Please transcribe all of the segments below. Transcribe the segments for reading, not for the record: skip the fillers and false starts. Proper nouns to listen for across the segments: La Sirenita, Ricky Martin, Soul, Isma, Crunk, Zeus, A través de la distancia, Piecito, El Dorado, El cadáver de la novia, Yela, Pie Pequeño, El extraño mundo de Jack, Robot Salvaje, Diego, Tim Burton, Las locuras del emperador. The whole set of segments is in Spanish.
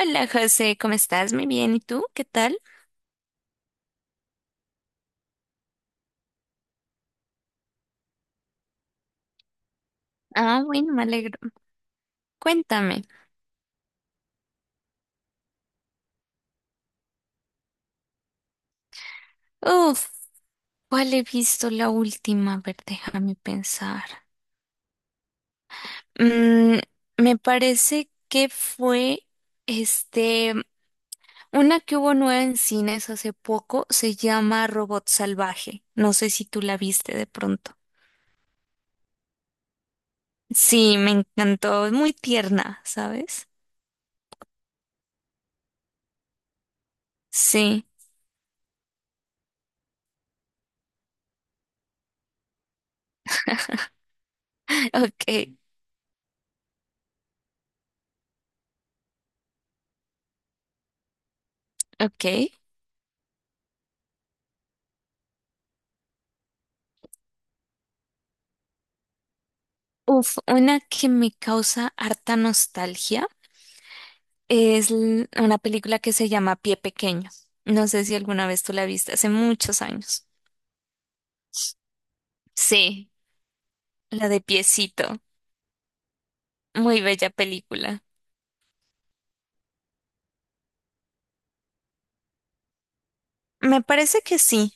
Hola José, ¿cómo estás? Muy bien. ¿Y tú? ¿Qué tal? Ah, bueno, me alegro. Cuéntame. Uf, ¿Cuál he visto la última? A ver, déjame pensar. Mm, me parece que fue este, una que hubo nueva en cines hace poco, se llama Robot Salvaje. No sé si tú la viste de pronto. Sí, me encantó, es muy tierna, ¿sabes? Sí, ok, ok. Una que me causa harta nostalgia. Una película que se llama Pie Pequeño. No sé si alguna vez tú la viste, hace muchos años. Sí. La de Piecito. Muy bella película. Me parece que sí.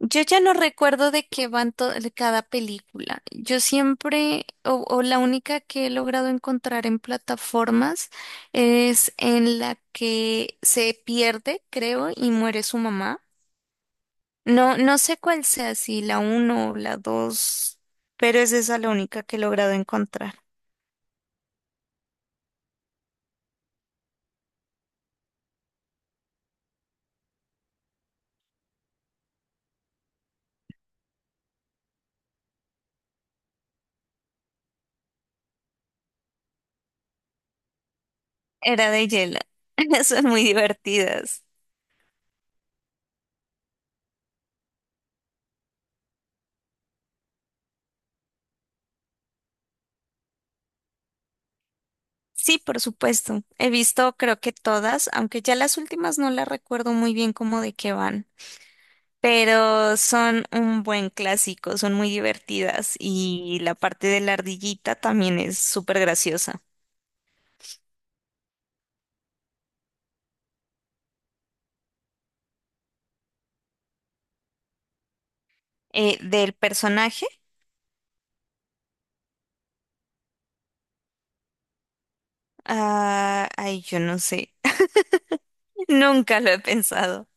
Yo ya no recuerdo de qué van to- de cada película. Yo siempre, o la única que he logrado encontrar en plataformas es en la que se pierde, creo, y muere su mamá. No, no sé cuál sea, si la uno o la dos, pero es esa la única que he logrado encontrar. Era de Yela. Son muy divertidas. Sí, por supuesto. He visto creo que todas, aunque ya las últimas no las recuerdo muy bien cómo de qué van, pero son un buen clásico, son muy divertidas y la parte de la ardillita también es súper graciosa. Del personaje, yo no sé, nunca lo he pensado.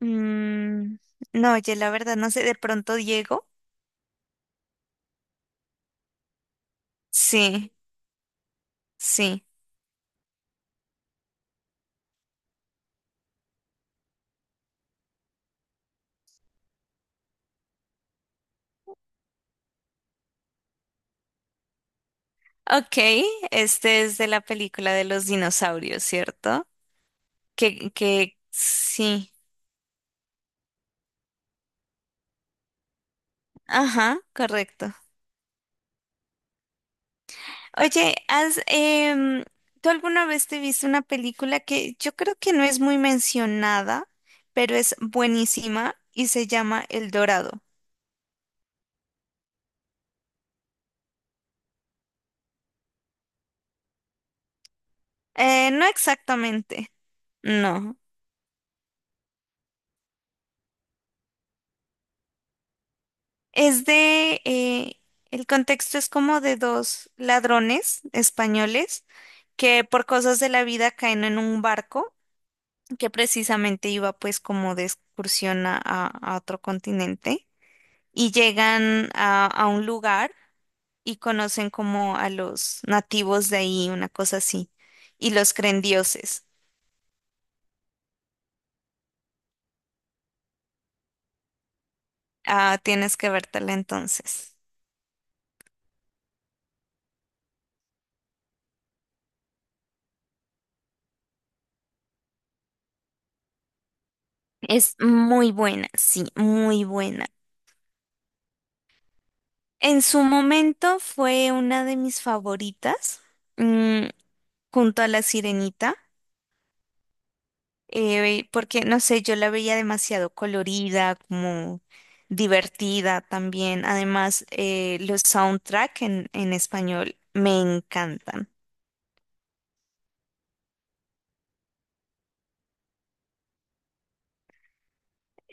Mm, no, oye, la verdad, no sé, de pronto Diego. Sí, sí. Ok, este es de la película de los dinosaurios, ¿cierto? Que sí. Ajá, correcto. Oye, ¿tú alguna vez te viste una película que yo creo que no es muy mencionada, pero es buenísima y se llama El Dorado? No exactamente, no. Es de, eh, el contexto es como de dos ladrones españoles que por cosas de la vida caen en un barco que precisamente iba pues como de excursión a otro continente y llegan a un lugar y conocen como a los nativos de ahí, una cosa así, y los creen dioses. Ah, tienes que vértela entonces. Es muy buena, sí, muy buena. En su momento fue una de mis favoritas, mm, junto a La Sirenita, porque no sé, yo la veía demasiado colorida, como divertida también. Además, los soundtrack en español me encantan.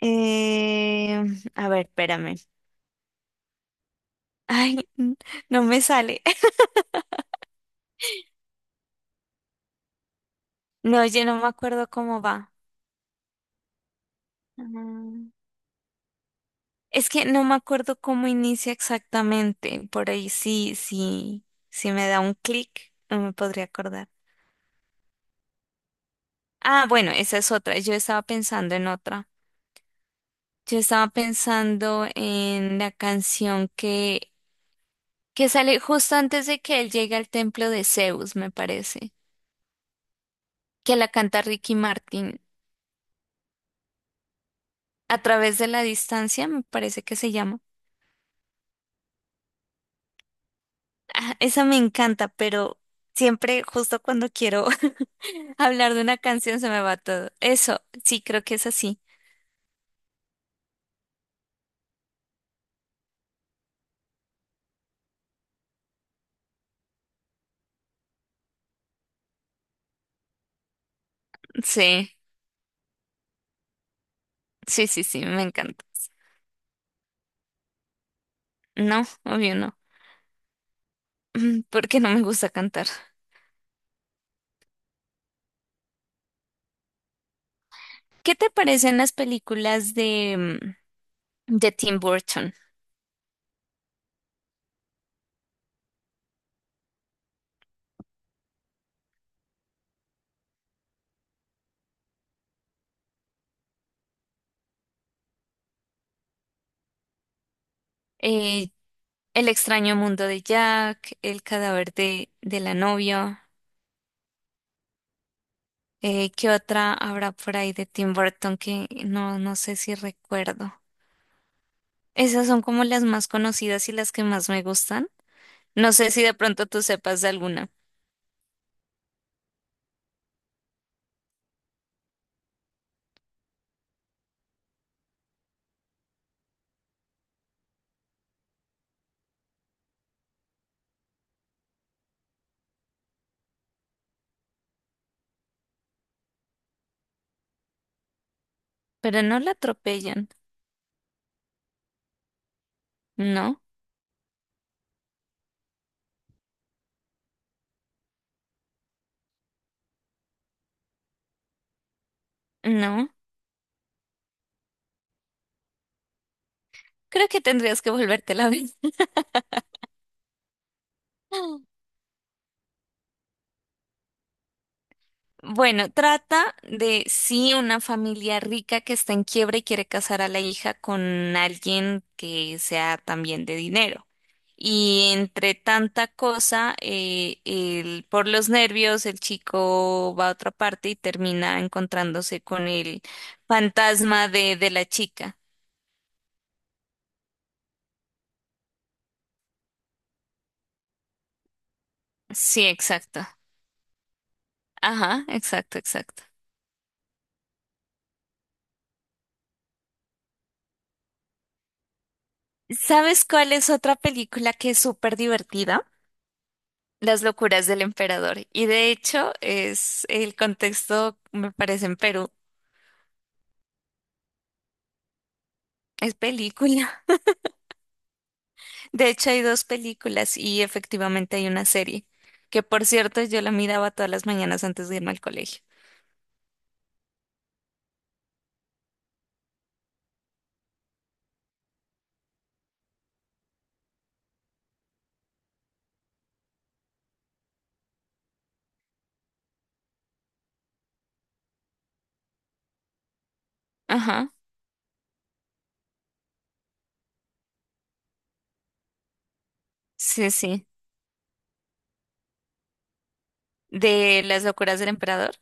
Eh, a ver, espérame. Ay, n- no me sale. No, yo no me acuerdo cómo va. Es que no me acuerdo cómo inicia exactamente. Por ahí sí, sí, sí me da un clic, no me podría acordar. Ah, bueno, esa es otra. Yo estaba pensando en otra. Yo estaba pensando en que sale justo antes de que él llegue al templo de Zeus, me parece. Que la canta Ricky Martin. A través de la distancia, me parece que se llama. Ah, esa me encanta, pero siempre justo cuando quiero hablar de una canción se me va todo. Eso, sí, creo que es así. Sí, sí, sí, sí, me encanta. No, obvio no. Porque no me gusta cantar. ¿Qué te parecen las películas de Tim Burton? Eh, El extraño mundo de Jack, de la novia. ¿Qué otra habrá por ahí de Tim Burton que no, no sé si recuerdo? Esas son como las más conocidas y las que más me gustan. No sé si de pronto tú sepas de alguna, pero no la atropellan. No, no. Creo que tendrías que volvértela a ver. Bueno, trata de sí una familia rica que está en quiebra y quiere casar a la hija con alguien que sea también de dinero. Y entre tanta cosa, por los nervios, el chico va a otra parte y termina encontrándose con el de la chica. Sí, exacto. Ajá, exacto, exacto. ¿Sabes cuál es otra película que es súper divertida? Las locuras del emperador. Y de hecho, es el contexto, me parece, en Perú. Es película. De hecho, hay dos películas y efectivamente hay una serie, que por cierto yo la miraba todas las mañanas antes de irme al colegio. Ajá, sí, sí. De las locuras del emperador.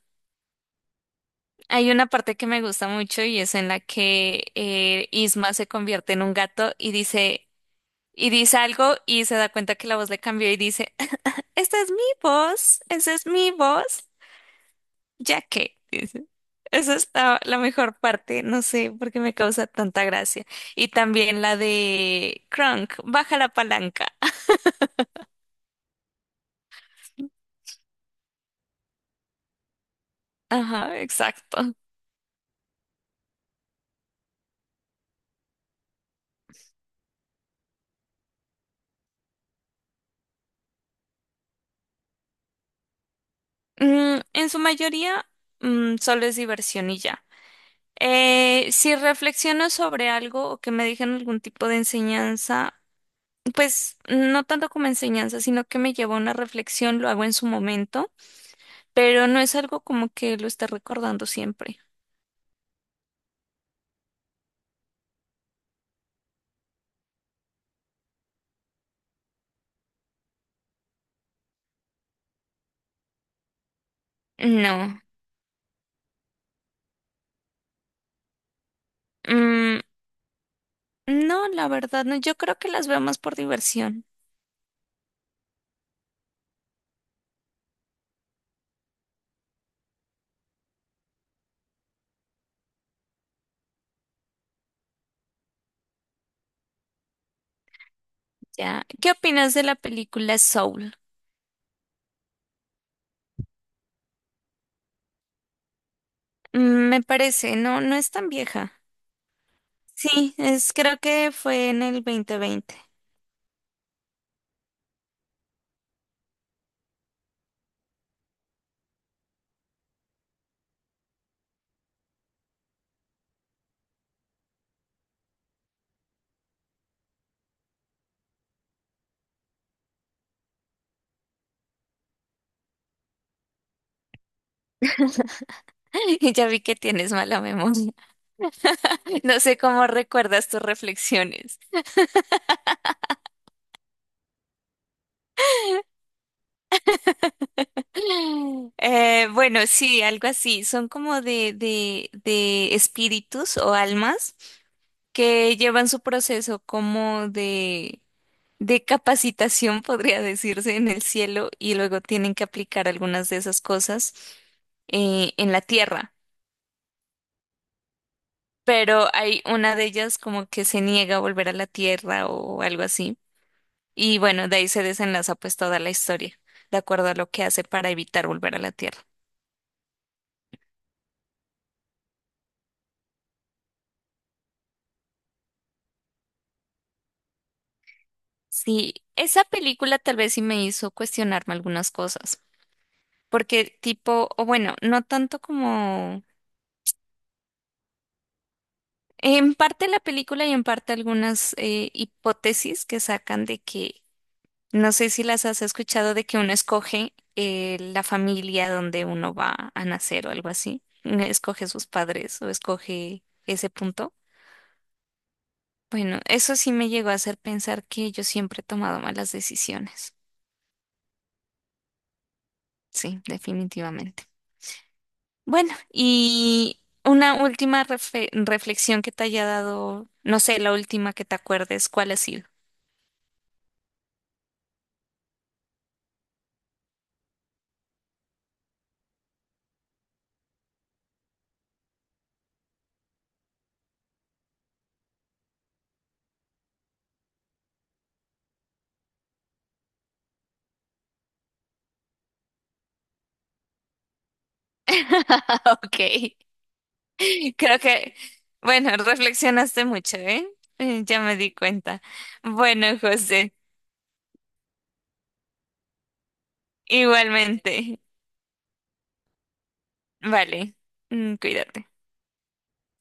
Hay una parte que me gusta mucho y es en la que Isma se convierte en un gato y dice algo y se da cuenta que la voz le cambió y dice, "Ah, esta es mi voz, esa es mi voz. Ya que", dice. Esa es la mejor parte, no sé por qué me causa tanta gracia. Y también la de Crunk, baja la palanca. Ajá, exacto. En su mayoría, solo es diversión y ya. Si reflexiono sobre algo o que me dejen algún tipo de enseñanza, pues no tanto como enseñanza, sino que me lleva a una reflexión, lo hago en su momento, pero no es algo como que lo esté recordando siempre. No. Mm, no, la verdad no. Yo creo que las vemos por diversión. Ya. ¿Qué opinas de la película Soul? Mm, me parece, no, no es tan vieja. Sí, es, creo que fue en el 2020. Y ya vi que tienes mala memoria. No sé cómo recuerdas tus reflexiones. Bueno, sí, algo así. Son como de espíritus o almas que llevan su proceso como de capacitación, podría decirse, en el cielo y luego tienen que aplicar algunas de esas cosas en la tierra. Pero hay una de ellas como que se niega a volver a la tierra o algo así. Y bueno, de ahí se desenlaza pues toda la historia, de acuerdo a lo que hace para evitar volver a la tierra. Sí, esa película tal vez sí me hizo cuestionarme algunas cosas. Porque tipo, o bueno, no tanto como en parte la película y en parte algunas hipótesis que sacan de que, no sé si las has escuchado, de que uno escoge la familia donde uno va a nacer o algo así. Uno escoge sus padres o escoge ese punto. Bueno, eso sí me llegó a hacer pensar que yo siempre he tomado malas decisiones. Sí, definitivamente. Bueno, y una última reflexión que te haya dado, no sé, la última que te acuerdes, ¿cuál ha sido? Ok. Creo que, bueno, reflexionaste mucho, ¿eh? Ya me di cuenta. Bueno, José, igualmente. Vale, cuídate.